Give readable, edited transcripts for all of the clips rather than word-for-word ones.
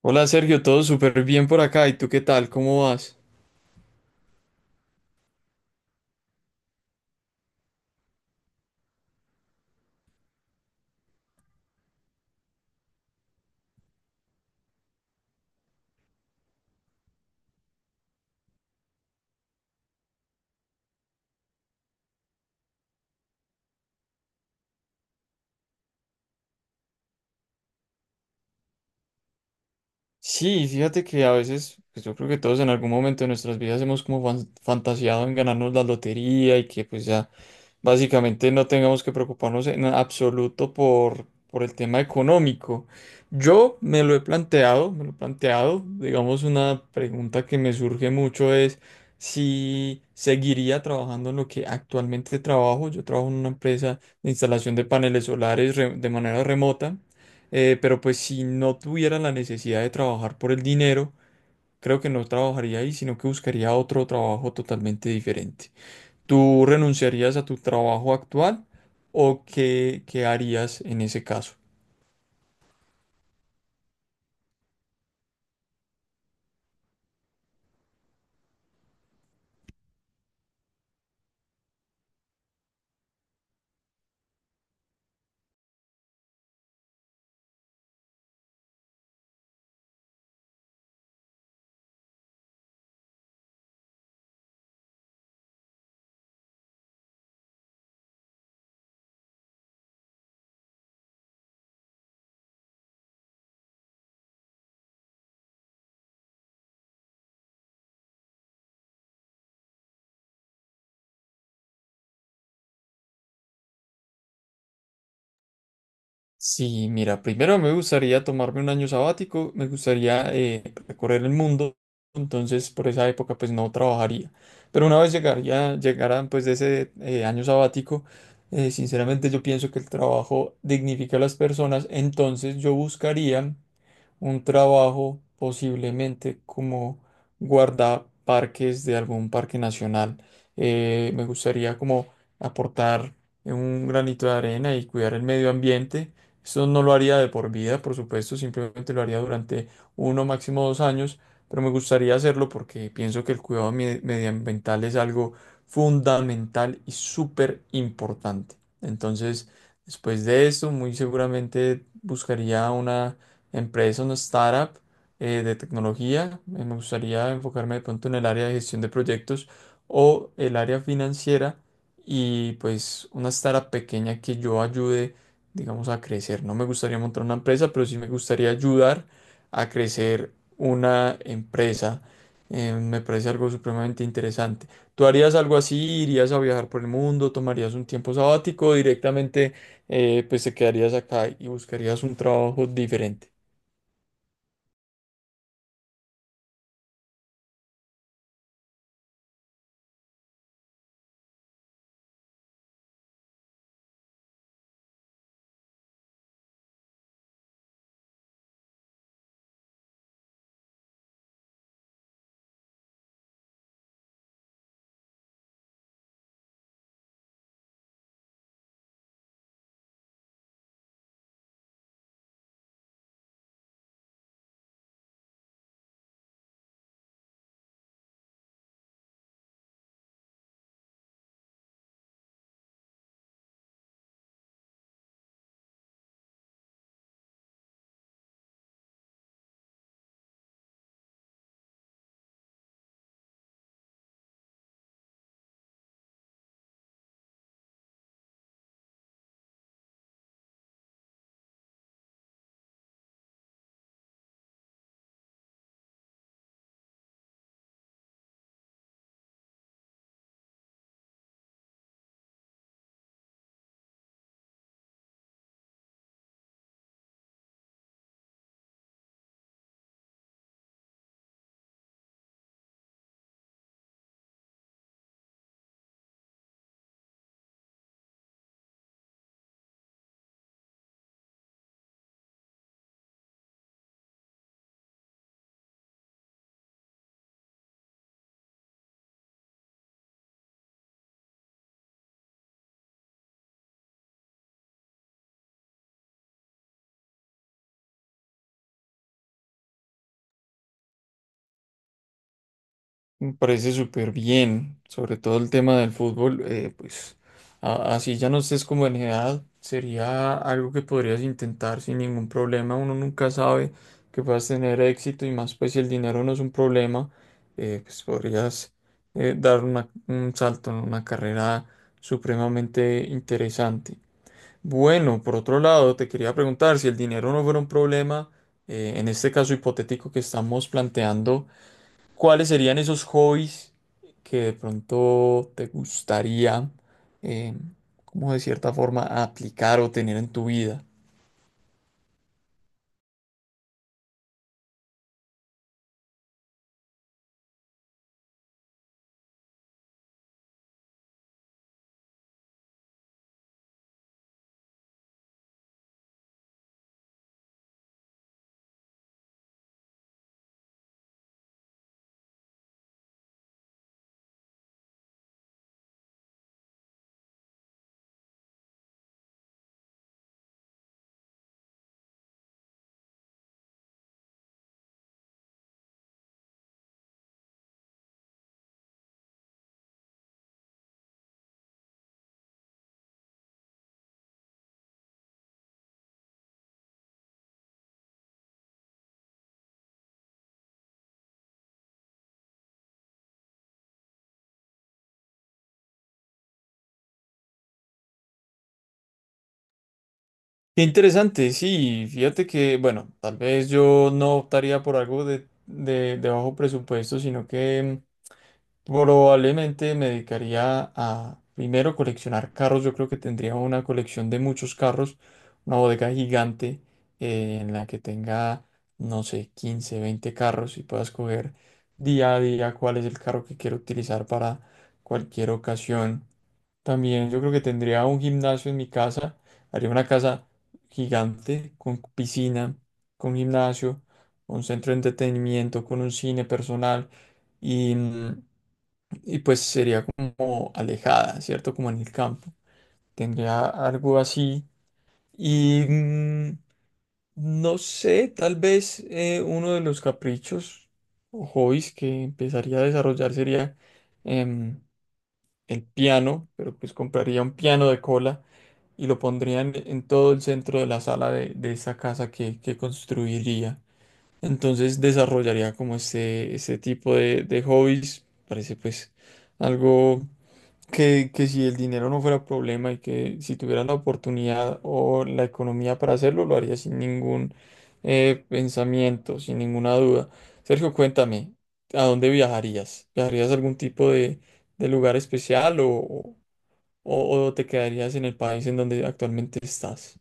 Hola Sergio, todo súper bien por acá. ¿Y tú qué tal? ¿Cómo vas? Sí, fíjate que a veces, pues yo creo que todos en algún momento de nuestras vidas hemos como fantaseado en ganarnos la lotería y que pues ya básicamente no tengamos que preocuparnos en absoluto por el tema económico. Yo me lo he planteado, me lo he planteado, digamos una pregunta que me surge mucho es si seguiría trabajando en lo que actualmente trabajo. Yo trabajo en una empresa de instalación de paneles solares de manera remota. Pero pues si no tuviera la necesidad de trabajar por el dinero, creo que no trabajaría ahí, sino que buscaría otro trabajo totalmente diferente. ¿Tú renunciarías a tu trabajo actual o qué harías en ese caso? Sí, mira, primero me gustaría tomarme un año sabático, me gustaría recorrer el mundo, entonces por esa época pues no trabajaría. Pero una vez llegaría, llegaran pues de ese año sabático, sinceramente yo pienso que el trabajo dignifica a las personas, entonces yo buscaría un trabajo posiblemente como guardaparques de algún parque nacional. Me gustaría como aportar un granito de arena y cuidar el medio ambiente. Esto no lo haría de por vida, por supuesto, simplemente lo haría durante uno, máximo 2 años, pero me gustaría hacerlo porque pienso que el cuidado medioambiental es algo fundamental y súper importante. Entonces, después de esto, muy seguramente buscaría una empresa, una startup de tecnología. Me gustaría enfocarme de pronto en el área de gestión de proyectos o el área financiera y pues una startup pequeña que yo ayude, digamos, a crecer. No me gustaría montar una empresa, pero sí me gustaría ayudar a crecer una empresa. Me parece algo supremamente interesante. ¿Tú harías algo así? ¿Irías a viajar por el mundo? ¿Tomarías un tiempo sabático? ¿O directamente, pues te quedarías acá y buscarías un trabajo diferente? Me parece súper bien, sobre todo el tema del fútbol, pues así ya no estés como en edad, sería algo que podrías intentar sin ningún problema, uno nunca sabe que puedas tener éxito y más pues si el dinero no es un problema, pues podrías dar un salto en una carrera supremamente interesante. Bueno, por otro lado, te quería preguntar si el dinero no fuera un problema, en este caso hipotético que estamos planteando. ¿Cuáles serían esos hobbies que de pronto te gustaría, eh, como de cierta forma, aplicar o tener en tu vida? Qué interesante, sí, fíjate que, bueno, tal vez yo no optaría por algo de, de bajo presupuesto, sino que probablemente me dedicaría a primero coleccionar carros. Yo creo que tendría una colección de muchos carros, una bodega gigante, en la que tenga, no sé, 15, 20 carros y pueda escoger día a día cuál es el carro que quiero utilizar para cualquier ocasión. También yo creo que tendría un gimnasio en mi casa, haría una casa gigante, con piscina, con gimnasio, con centro de entretenimiento, con un cine personal y, y pues sería como alejada, ¿cierto? Como en el campo. Tendría algo así y, no sé, tal vez uno de los caprichos o hobbies que empezaría a desarrollar sería em, el piano, pero pues compraría un piano de cola y lo pondría en todo el centro de la sala de esa casa que construiría. Entonces desarrollaría como este tipo de hobbies. Parece pues algo que si el dinero no fuera problema y que si tuviera la oportunidad o la economía para hacerlo, lo haría sin ningún pensamiento, sin ninguna duda. Sergio, cuéntame, ¿a dónde viajarías? ¿Viajarías a algún tipo de lugar especial o te quedarías en el país en donde actualmente estás?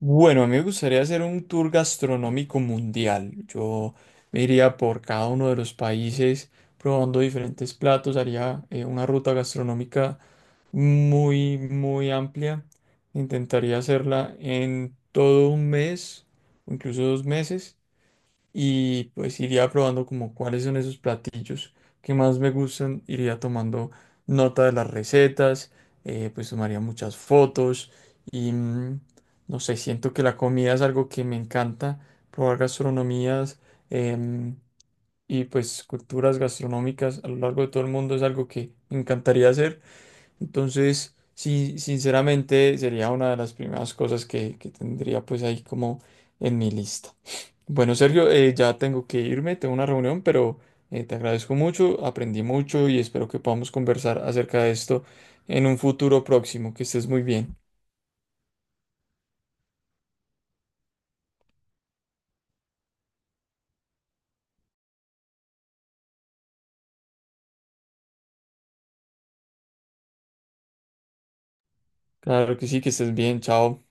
Bueno, a mí me gustaría hacer un tour gastronómico mundial. Yo me iría por cada uno de los países probando diferentes platos, haría una ruta gastronómica muy, muy amplia. Intentaría hacerla en todo un mes o incluso 2 meses. Y pues iría probando como cuáles son esos platillos que más me gustan, iría tomando nota de las recetas, pues tomaría muchas fotos y, no sé, siento que la comida es algo que me encanta, probar gastronomías em, y pues culturas gastronómicas a lo largo de todo el mundo es algo que me encantaría hacer, entonces sí, sinceramente sería una de las primeras cosas que tendría pues ahí como en mi lista. Bueno, Sergio, ya tengo que irme, tengo una reunión, pero te agradezco mucho, aprendí mucho y espero que podamos conversar acerca de esto en un futuro próximo. Que estés muy bien. Claro que sí, que estés bien, chao.